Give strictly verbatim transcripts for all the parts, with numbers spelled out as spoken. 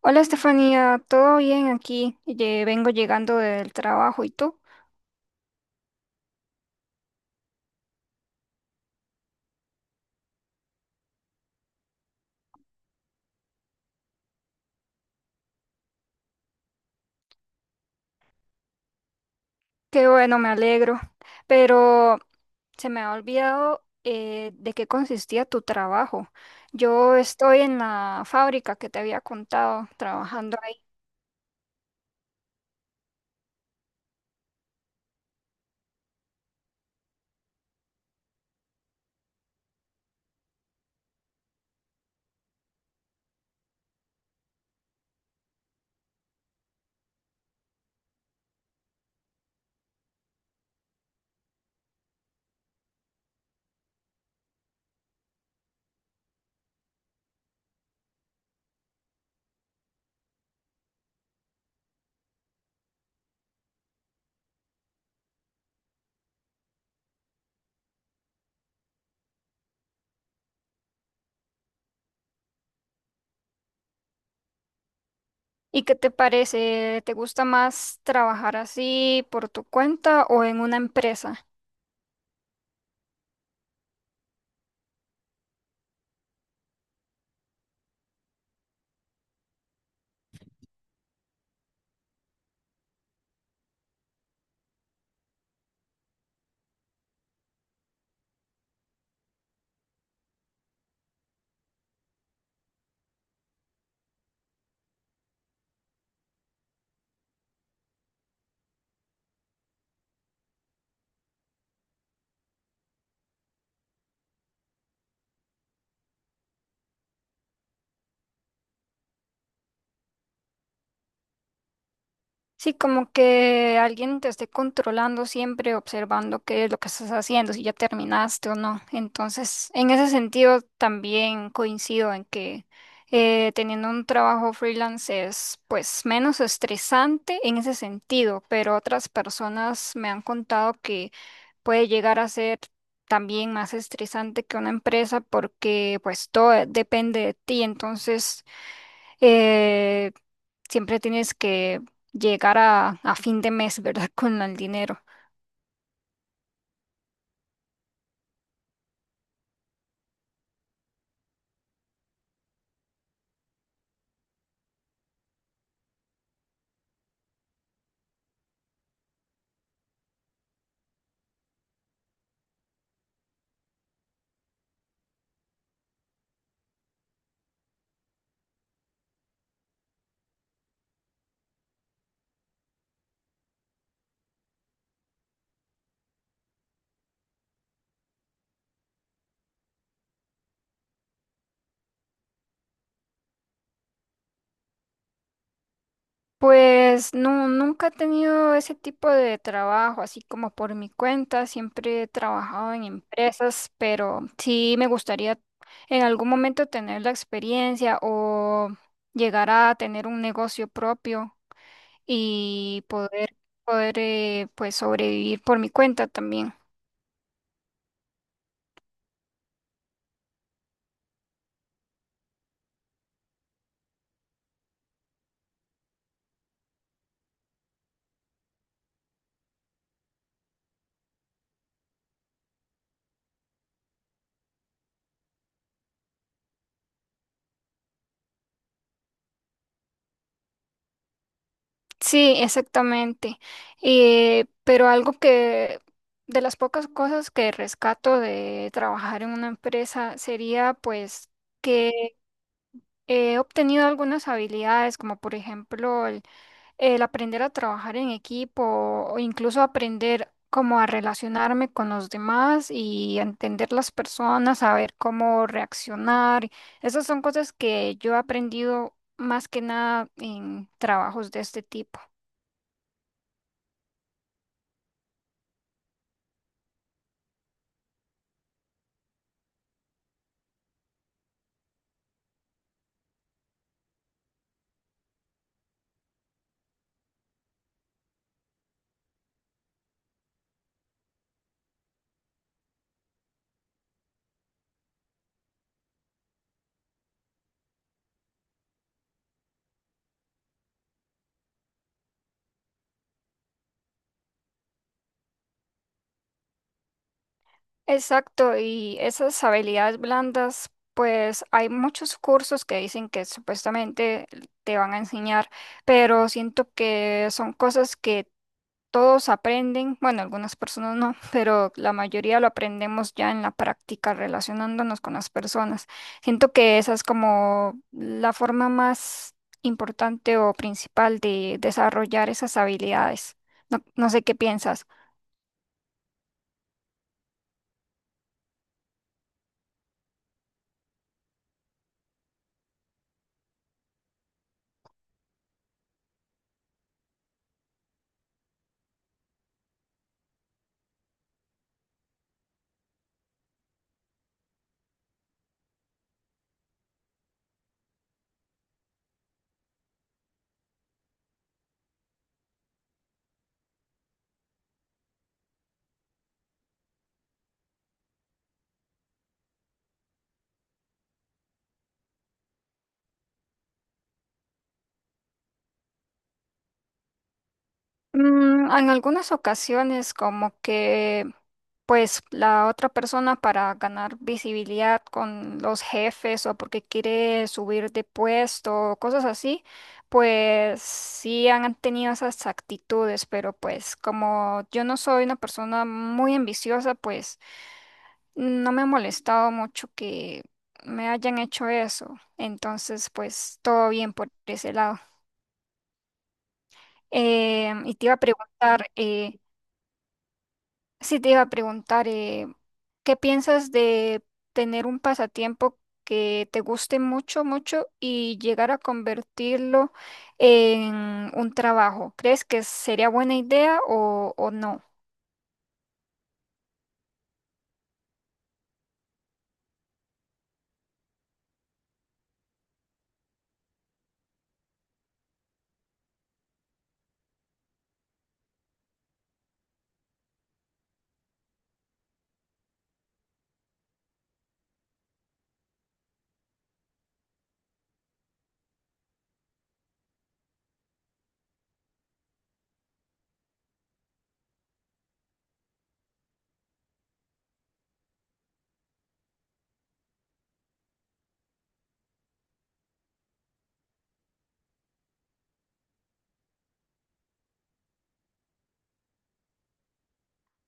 Hola Estefanía, ¿todo bien aquí? Ye- vengo llegando del trabajo, ¿y tú? Qué bueno, me alegro. Pero se me ha olvidado eh, de qué consistía tu trabajo. Yo estoy en la fábrica que te había contado, trabajando ahí. ¿Y qué te parece? ¿Te gusta más trabajar así por tu cuenta o en una empresa? Sí, como que alguien te esté controlando siempre, observando qué es lo que estás haciendo, si ya terminaste o no. Entonces, en ese sentido, también coincido en que eh, teniendo un trabajo freelance es pues menos estresante en ese sentido, pero otras personas me han contado que puede llegar a ser también más estresante que una empresa porque pues todo depende de ti. Entonces eh, siempre tienes que llegar a, a fin de mes, ¿verdad? Con el dinero. Pues no, nunca he tenido ese tipo de trabajo, así como por mi cuenta, siempre he trabajado en empresas, pero sí me gustaría en algún momento tener la experiencia o llegar a tener un negocio propio y poder, poder eh, pues sobrevivir por mi cuenta también. Sí, exactamente. Eh, pero algo que de las pocas cosas que rescato de trabajar en una empresa sería pues que he obtenido algunas habilidades, como por ejemplo el, el aprender a trabajar en equipo o incluso aprender cómo a relacionarme con los demás y entender las personas, saber cómo reaccionar. Esas son cosas que yo he aprendido más que nada en trabajos de este tipo. Exacto, y esas habilidades blandas, pues hay muchos cursos que dicen que supuestamente te van a enseñar, pero siento que son cosas que todos aprenden, bueno, algunas personas no, pero la mayoría lo aprendemos ya en la práctica, relacionándonos con las personas. Siento que esa es como la forma más importante o principal de desarrollar esas habilidades. No, no sé qué piensas. Mm, en algunas ocasiones como que pues la otra persona para ganar visibilidad con los jefes o porque quiere subir de puesto o cosas así, pues sí han tenido esas actitudes, pero pues como yo no soy una persona muy ambiciosa, pues no me ha molestado mucho que me hayan hecho eso. Entonces pues todo bien por ese lado. Em, y te iba a preguntar, eh, sí, te iba a preguntar, eh, ¿qué piensas de tener un pasatiempo que te guste mucho, mucho y llegar a convertirlo en un trabajo? ¿Crees que sería buena idea o, o no?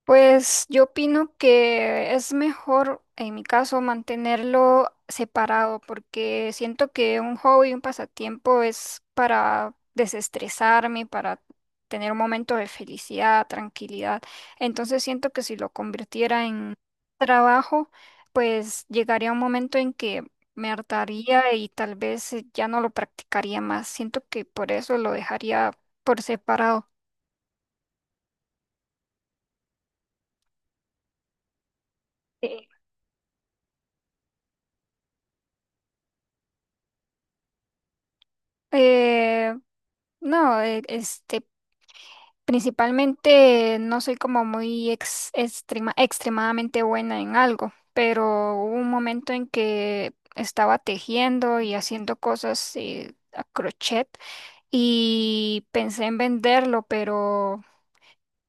Pues yo opino que es mejor, en mi caso, mantenerlo separado, porque siento que un hobby, un pasatiempo es para desestresarme, para tener un momento de felicidad, tranquilidad. Entonces siento que si lo convirtiera en trabajo, pues llegaría un momento en que me hartaría y tal vez eh, ya no lo practicaría más. Siento que por eso lo dejaría por separado. Eh, No, e- este, principalmente no soy como muy ex- extrema- extremadamente buena en algo, pero hubo un momento en que estaba tejiendo y haciendo cosas eh, a crochet y pensé en venderlo, pero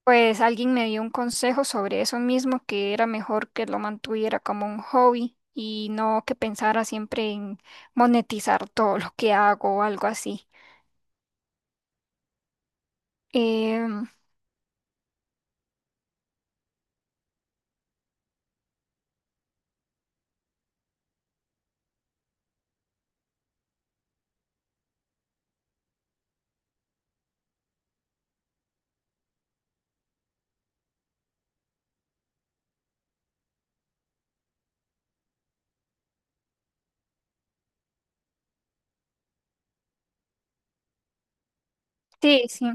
pues alguien me dio un consejo sobre eso mismo, que era mejor que lo mantuviera como un hobby y no que pensara siempre en monetizar todo lo que hago o algo así. Em, sí, sí.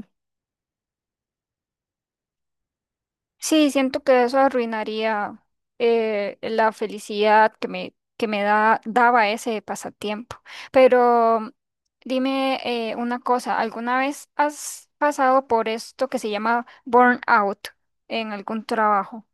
Sí, siento que eso arruinaría eh, la felicidad que me, que me da, daba ese pasatiempo. Pero dime eh, una cosa, ¿alguna vez has pasado por esto que se llama burnout en algún trabajo?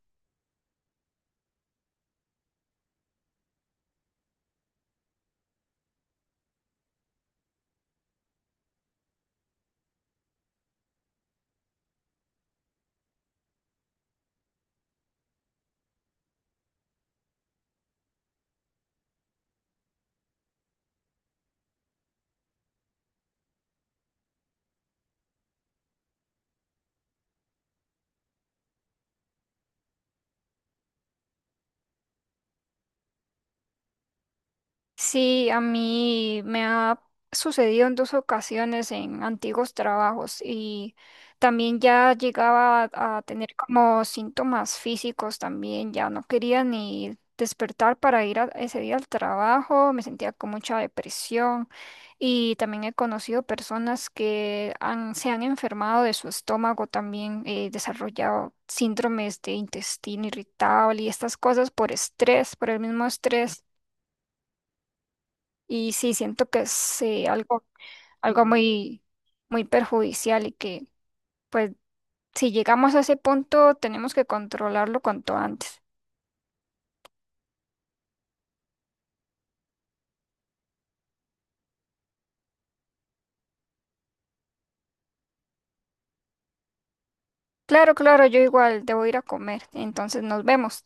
Sí, a mí me ha sucedido en dos ocasiones en antiguos trabajos y también ya llegaba a, a tener como síntomas físicos también, ya no quería ni despertar para ir a- ese día al trabajo, me sentía con mucha depresión y también he conocido personas que han, se han enfermado de su estómago también, eh, desarrollado síndromes de intestino irritable y estas cosas por estrés, por el mismo estrés. Y sí, siento que es eh, algo, algo muy, muy perjudicial y que, pues, si llegamos a ese punto, tenemos que controlarlo cuanto antes. Claro, claro, yo igual debo ir a comer, entonces nos vemos.